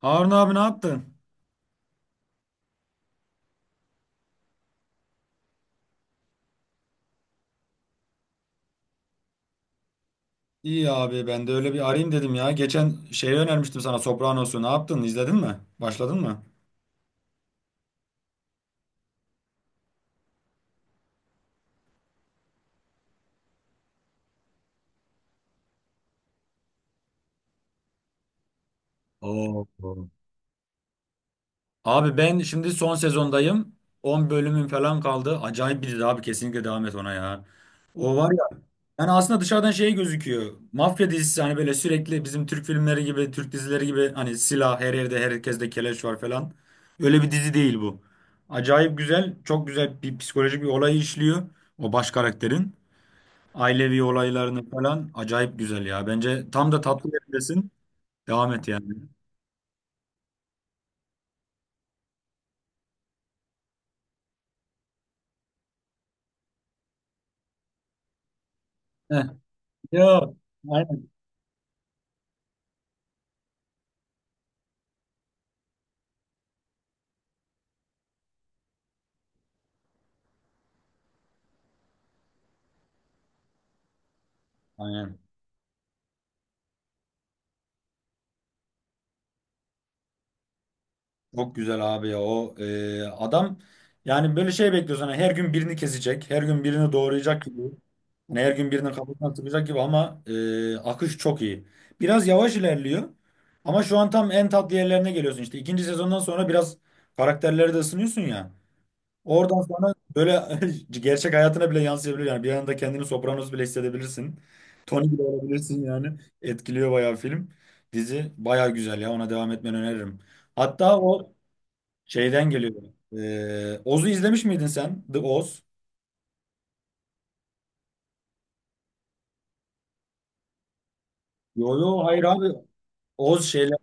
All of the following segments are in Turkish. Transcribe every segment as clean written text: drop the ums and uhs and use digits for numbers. Harun abi ne yaptın? İyi abi ben de öyle bir arayayım dedim ya. Geçen şeyi önermiştim sana Sopranos'u. Ne yaptın? İzledin mi? Başladın mı? Oo. Abi ben şimdi son sezondayım. 10 bölümüm falan kaldı. Acayip bir dizi abi, kesinlikle devam et ona ya. O var ya, yani aslında dışarıdan şey gözüküyor. Mafya dizisi, hani böyle sürekli bizim Türk filmleri gibi, Türk dizileri gibi, hani silah her yerde, herkeste keleş var falan. Öyle bir dizi değil bu. Acayip güzel, çok güzel bir psikolojik bir olayı işliyor o baş karakterin. Ailevi olaylarını falan acayip güzel ya. Bence tam da tatlı yerindesin. Devam et yani. Heh. Yo. Aynen. Aynen. Çok güzel abi ya. O adam yani böyle şey bekliyorsun. Hani her gün birini kesecek. Her gün birini doğrayacak gibi. Hani her gün birinin kafasına sıkacak gibi ama akış çok iyi. Biraz yavaş ilerliyor. Ama şu an tam en tatlı yerlerine geliyorsun. İşte ikinci sezondan sonra biraz karakterleri de ısınıyorsun ya. Oradan sonra böyle gerçek hayatına bile yansıyabilir, yani bir anda kendini Sopranos bile hissedebilirsin. Tony bile olabilirsin yani. Etkiliyor bayağı film. Dizi bayağı güzel ya, ona devam etmeni öneririm. Hatta o şeyden geliyor. Oz'u izlemiş miydin sen? The Oz. Yo yo hayır abi. Oz şeyler.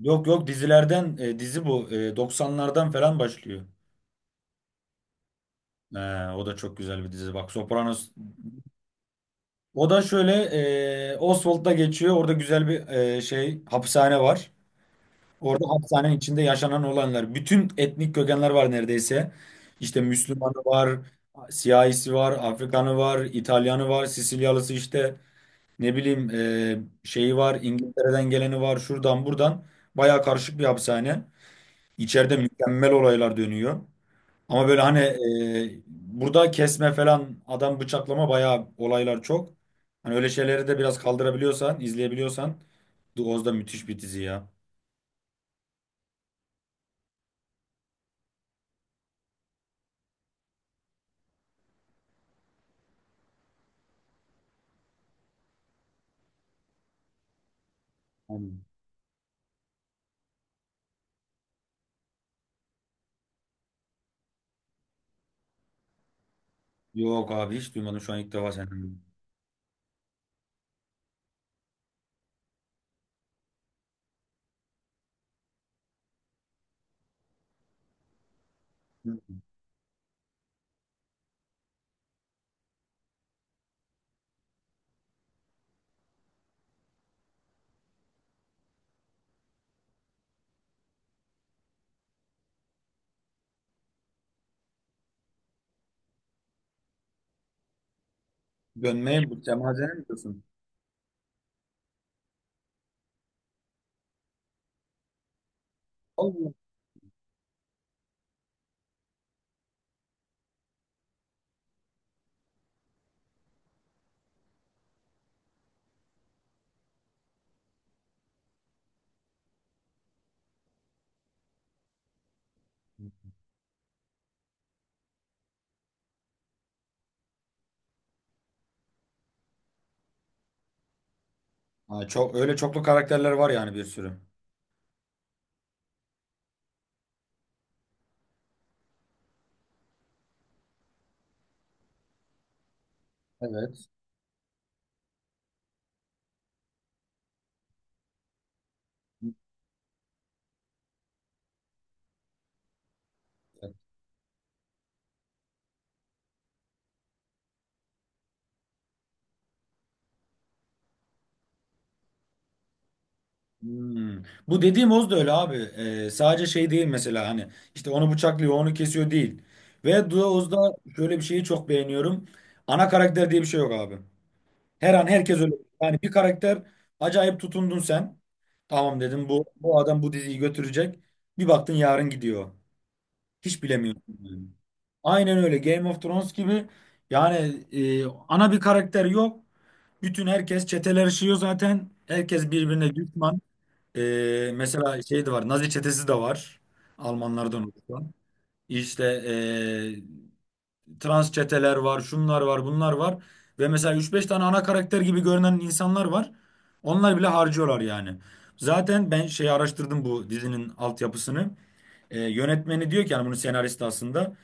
Yok yok, dizilerden dizi bu. 90'lardan falan başlıyor. Ee, O da çok güzel bir dizi. Bak, Sopranos. O da şöyle, Oswald'da geçiyor. Orada güzel bir şey hapishane var. Orada hapishanenin içinde yaşanan olanlar. Bütün etnik kökenler var neredeyse. İşte Müslümanı var, siyahisi var, Afrikanı var, İtalyanı var, Sicilyalısı, işte ne bileyim, şeyi var, İngiltere'den geleni var, şuradan buradan. Bayağı karışık bir hapishane. İçeride mükemmel olaylar dönüyor. Ama böyle hani, burada kesme falan, adam bıçaklama bayağı olaylar çok. Hani öyle şeyleri de biraz kaldırabiliyorsan, izleyebiliyorsan, The Oz da müthiş bir dizi ya. Hani yok abi, hiç duymadım, şu an ilk defa senden duydum. Hı. Dönmeye, bu Semazen'e mi diyorsun? Allah. Ha, çok, öyle çoklu karakterler var yani, bir sürü. Evet. Hmm. Bu dediğim Oz da öyle abi. Sadece şey değil mesela, hani işte onu bıçaklıyor, onu kesiyor değil. Ve Oz'da şöyle bir şeyi çok beğeniyorum. Ana karakter diye bir şey yok abi. Her an herkes öyle. Yani bir karakter acayip tutundun sen. Tamam dedim, bu adam bu diziyi götürecek. Bir baktın yarın gidiyor. Hiç bilemiyorsun yani. Aynen öyle, Game of Thrones gibi. Yani ana bir karakter yok. Bütün herkes çeteler işiyor zaten. Herkes birbirine düşman. Mesela şey de var. Nazi çetesi de var. Almanlardan oluşan. İşte trans çeteler var, şunlar var, bunlar var. Ve mesela üç beş tane ana karakter gibi görünen insanlar var. Onlar bile harcıyorlar yani. Zaten ben şeyi araştırdım, bu dizinin altyapısını. Yönetmeni diyor ki, yani bunun senaristi aslında.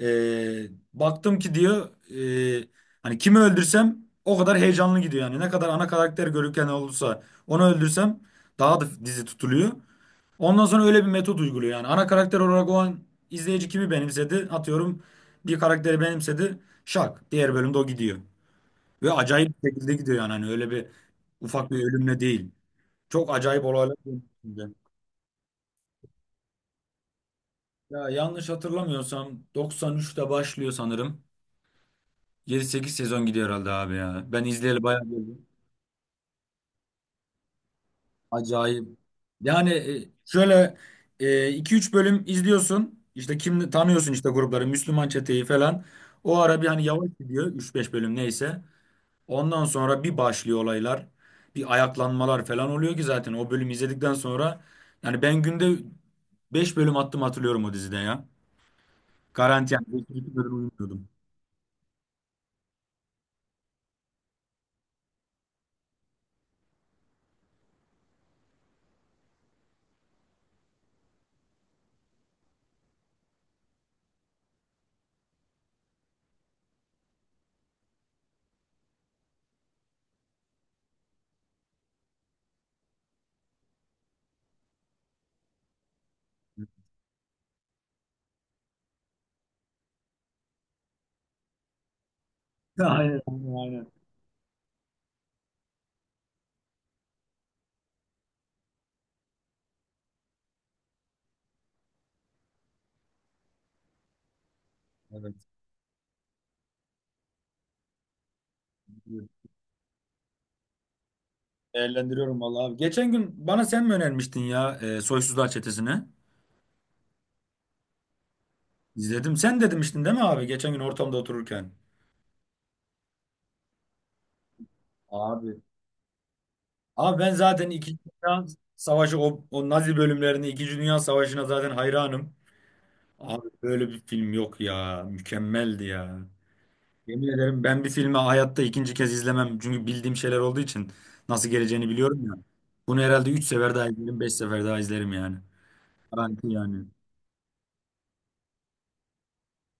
Ee, baktım ki diyor, ee, hani kimi öldürsem o kadar heyecanlı gidiyor yani. Ne kadar ana karakter görürken olursa onu öldürsem daha da dizi tutuluyor. Ondan sonra öyle bir metot uyguluyor yani. Ana karakter olarak o an izleyici kimi benimsedi? Atıyorum bir karakteri benimsedi. Şak. Diğer bölümde o gidiyor. Ve acayip bir şekilde gidiyor yani. Hani öyle bir, ufak bir ölümle değil. Çok acayip olaylar dönüyor. Ya yanlış hatırlamıyorsam 93'te başlıyor sanırım. 7-8 sezon gidiyor herhalde abi ya. Ben izleyeli bayağı bir oldu. Acayip. Yani şöyle, iki üç bölüm izliyorsun. İşte kim tanıyorsun, işte grupları, Müslüman çeteyi falan. O ara bir hani yavaş gidiyor üç beş bölüm, neyse. Ondan sonra bir başlıyor olaylar. Bir ayaklanmalar falan oluyor ki, zaten o bölümü izledikten sonra yani, ben günde 5 bölüm attım, hatırlıyorum o dizide ya. Garanti yani 5-2 bölüm uyumuyordum. Aynen, aynen. Evet. Değerlendiriyorum vallahi abi. Geçen gün bana sen mi önermiştin ya, Soysuzlar Çetesi'ni? İzledim. Sen de demiştin değil mi abi? Geçen gün ortamda otururken. Abi Abi ben zaten İkinci Dünya Savaşı, o, o Nazi bölümlerini, İkinci Dünya Savaşı'na zaten hayranım. Abi böyle bir film yok ya. Mükemmeldi ya. Yemin ederim, ben bir filmi hayatta ikinci kez izlemem. Çünkü bildiğim şeyler olduğu için nasıl geleceğini biliyorum ya. Bunu herhalde 3 sefer daha izlerim, 5 sefer daha izlerim yani. Garanti yani.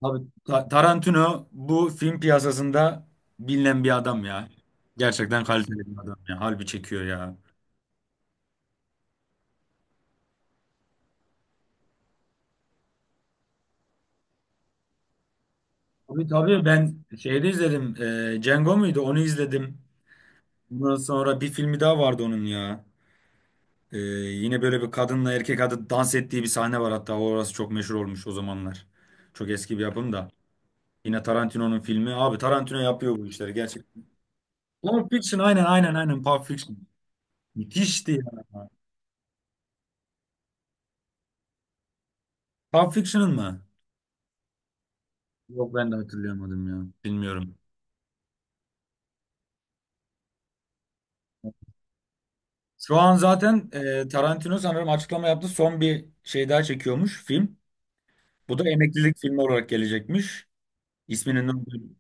Abi Tarantino bu film piyasasında bilinen bir adam ya. Gerçekten kaliteli bir adam ya. Harbi çekiyor ya. Tabii tabii, ben şeyde izledim. Django muydu? Onu izledim. Ondan sonra bir filmi daha vardı onun ya. Yine böyle bir kadınla erkek adı dans ettiği bir sahne var hatta. Orası çok meşhur olmuş o zamanlar. Çok eski bir yapım da. Yine Tarantino'nun filmi. Abi Tarantino yapıyor bu işleri gerçekten. Pulp Fiction, aynen Pulp Fiction. Müthişti ya. Pulp Fiction'ın mı? Yok, ben de hatırlayamadım ya. Bilmiyorum. Şu an zaten Tarantino sanırım açıklama yaptı. Son bir şey daha çekiyormuş film. Bu da emeklilik filmi olarak gelecekmiş. İsminin ne olduğu-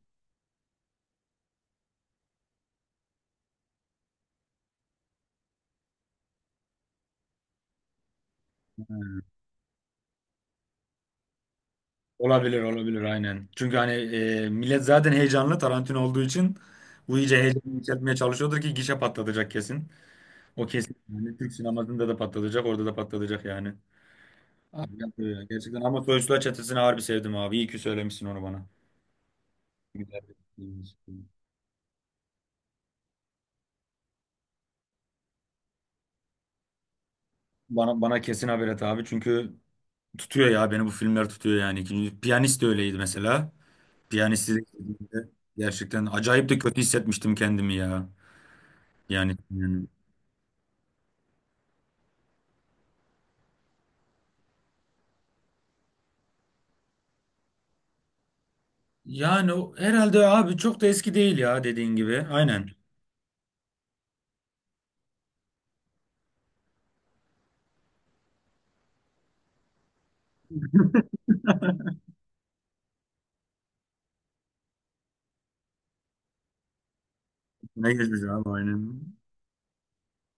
olabilir olabilir aynen. Çünkü hani millet zaten heyecanlı Tarantino olduğu için bu iyice heyecanı yükseltmeye çalışıyordur ki gişe patlatacak kesin. O kesin. Yani Türk sinemasında da patlatacak, orada da patlatacak yani. Abi yapıyor ya gerçekten, ama Soysuzlar Çetesi'ni harbi sevdim abi. İyi ki söylemişsin onu bana. Güzel bir filmmiş. Bana kesin haber et abi, çünkü tutuyor ya, beni bu filmler tutuyor yani. İkinci- Piyanist de öyleydi mesela. Piyanisti de izlediğimde gerçekten acayip de kötü hissetmiştim kendimi ya. Yani yani, yani herhalde abi çok da eski değil ya, dediğin gibi. Aynen. Ne gezmiş abi, aynen.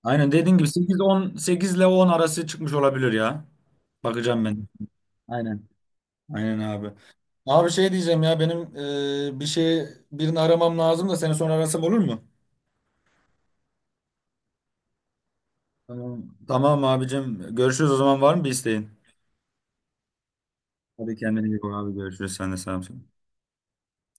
Aynen dediğin gibi, sekiz on, 8 ile 10 arası çıkmış olabilir ya. Bakacağım ben. Aynen. Aynen abi. Abi şey diyeceğim ya, benim bir şey, birini aramam lazım da, seni sonra arasam olur mu? Tamam. Tamam abicim. Görüşürüz o zaman, var mı bir isteğin? Hadi kendine iyi bak abi. Görüşürüz. Sen de selam söyle.